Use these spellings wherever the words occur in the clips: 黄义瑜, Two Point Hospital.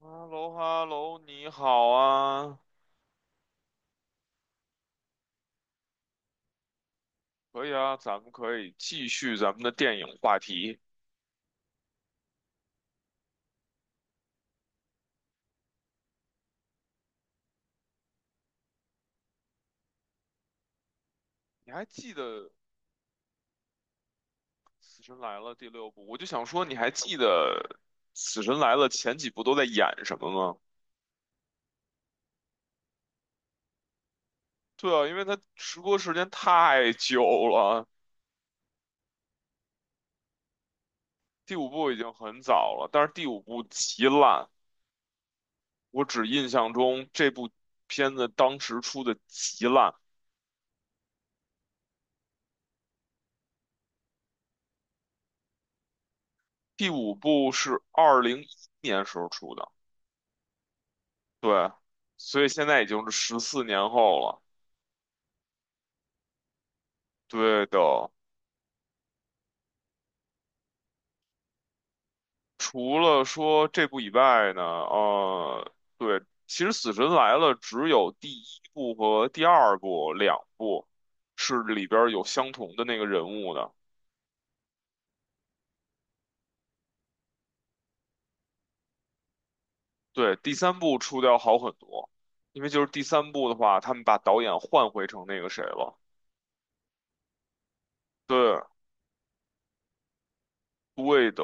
哈喽哈喽，你好啊，可以啊，咱们可以继续咱们的电影话题。你还记得《死神来了》第六部？我就想说，你还记得《死神来了》前几部都在演什么吗？对啊，因为它时播时间太久了，第五部已经很早了，但是第五部极烂，我只印象中这部片子当时出的极烂，第五部是2011年时候出的。对，所以现在已经是14年后了。对的，除了说这部以外呢，对，其实《死神来了》只有第一部和第二部两部是里边儿有相同的那个人物的。对，第三部出的要好很多，因为就是第三部的话，他们把导演换回成那个谁了。对，对的，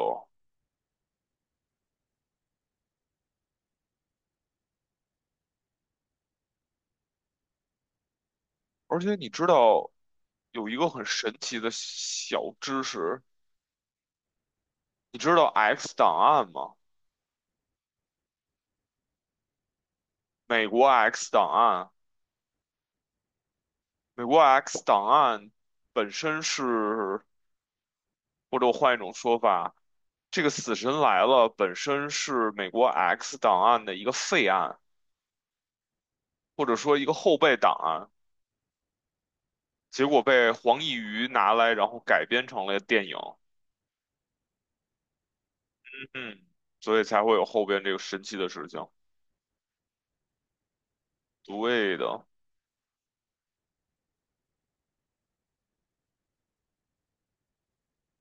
而且你知道有一个很神奇的小知识，你知道 X 档案吗？美国 X 档案，美国 X 档案本身是，或者我换一种说法，这个死神来了本身是美国 X 档案的一个废案，或者说一个后备档案，结果被黄义瑜拿来，然后改编成了电影，嗯，所以才会有后边这个神奇的事情。对的，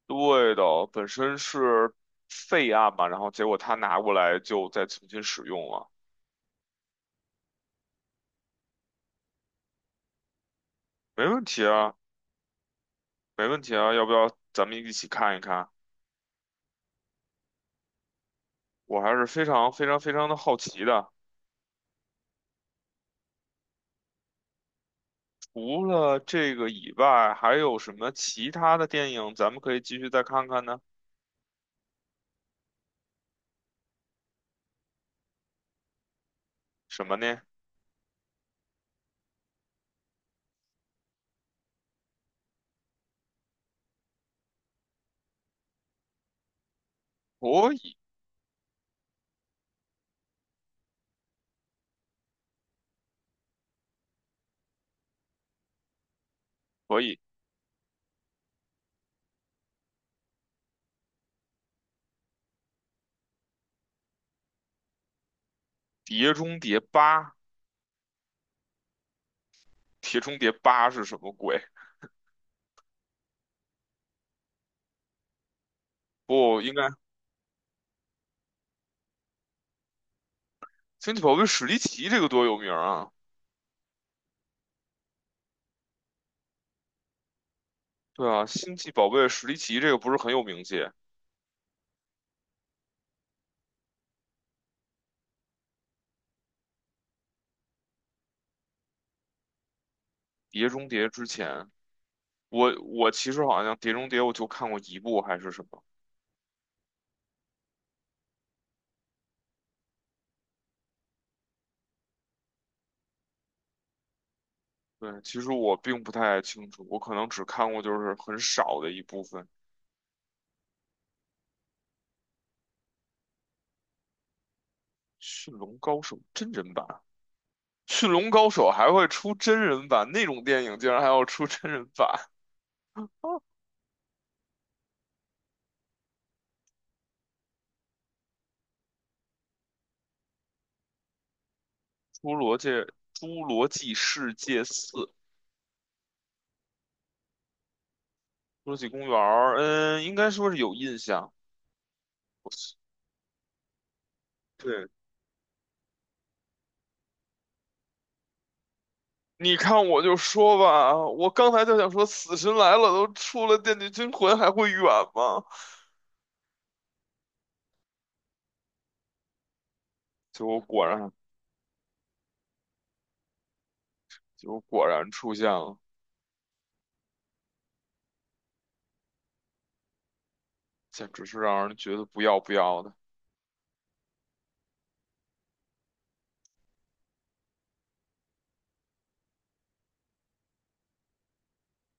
对的，本身是废案嘛，然后结果他拿过来就再重新使用了，没问题啊。没问题啊，要不要咱们一起看一看？我还是非常非常非常的好奇的。除了这个以外，还有什么其他的电影咱们可以继续再看看呢？什么呢？可以，可以，《碟中谍八》，《碟中谍八》是什么鬼？不应该，《星际宝贝史迪奇》这个多有名啊！对啊，《星际宝贝史迪奇》这个不是很有名气，《碟中谍》之前，我其实好像《碟中谍》我就看过一部还是什么。对，其实我并不太清楚，我可能只看过就是很少的一部分《驯龙高手》真人版，《驯龙高手》还会出真人版，那种电影竟然还要出真人版，《侏罗界》《侏罗纪世界四》《侏罗纪公园》，嗯，应该说是有印象。我对，你看我就说吧，我刚才就想说《死神来了》都出了，《电锯惊魂》还会远吗？结果果然，结果果然出现了，简直是让人觉得不要不要的。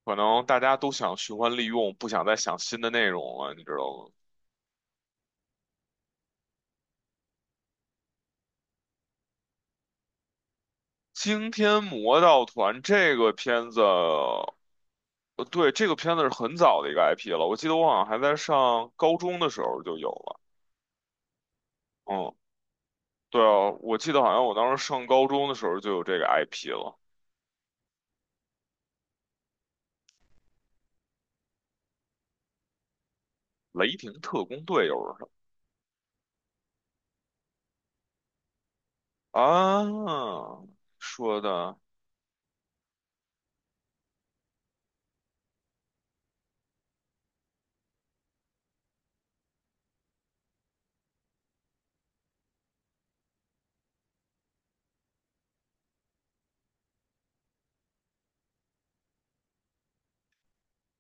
可能大家都想循环利用，不想再想新的内容了，你知道吗？《惊天魔盗团》这个片子，对，这个片子是很早的一个 IP 了，我记得我好像还在上高中的时候就有了。嗯，对啊，我记得好像我当时上高中的时候就有这个 IP 了，《雷霆特工队》又是什么啊？说的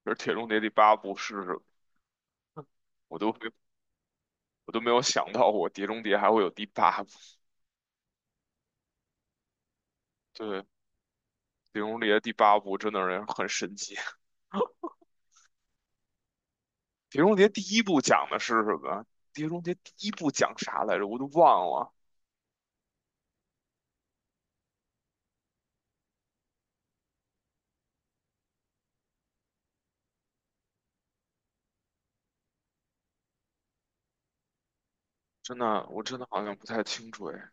是《铁中谍》第八部是什么？我都没我都没有想到，我《碟中谍》还会有第八部。对，碟中谍第八部真的是很神奇。碟中谍第一部讲的是什么？碟中谍第一部讲啥来着？我都忘了。真的，我真的好像不太清楚哎。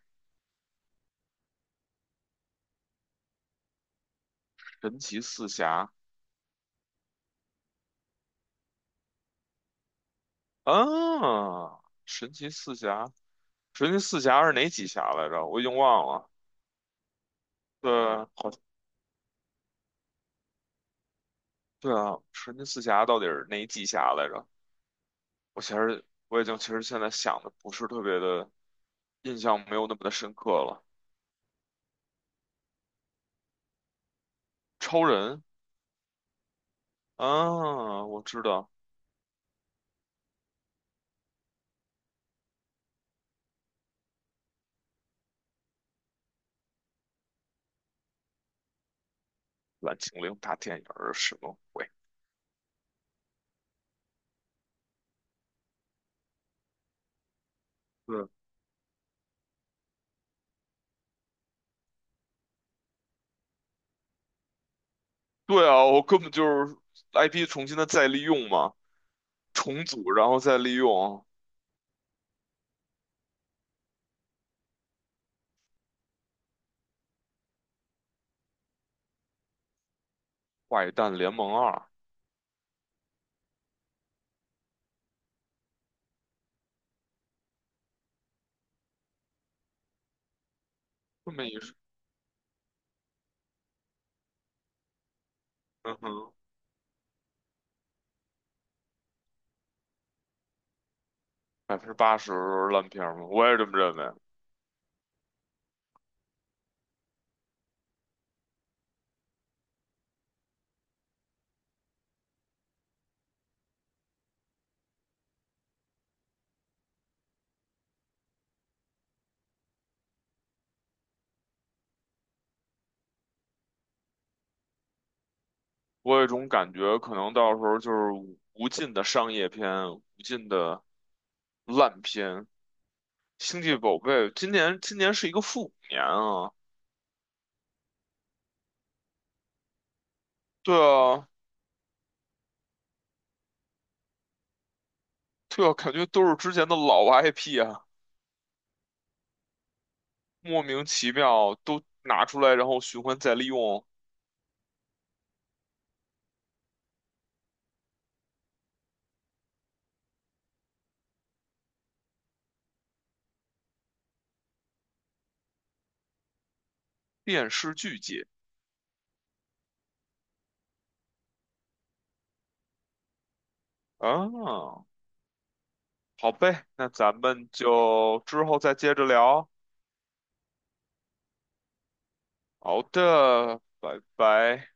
神奇四侠啊，神奇四侠，神奇四侠是哪几侠来着？我已经忘了。对，好，对啊，神奇四侠到底是哪几侠来着？我其实我已经其实现在想的不是特别的印象，没有那么的深刻了。超人啊，我知道。蓝精灵大电影儿什么鬼？对对啊，我根本就是 IP 重新的再利用嘛，重组然后再利用《坏蛋联盟二》这么一说，嗯哼，80%烂片儿嘛，我也这么认为。我有一种感觉，可能到时候就是无尽的商业片，无尽的烂片。星际宝贝今年是一个复古年啊，对啊，对啊，感觉都是之前的老 IP 啊。莫名其妙都拿出来，然后循环再利用，便是剧解啊。好呗，那咱们就之后再接着聊。好的，拜拜。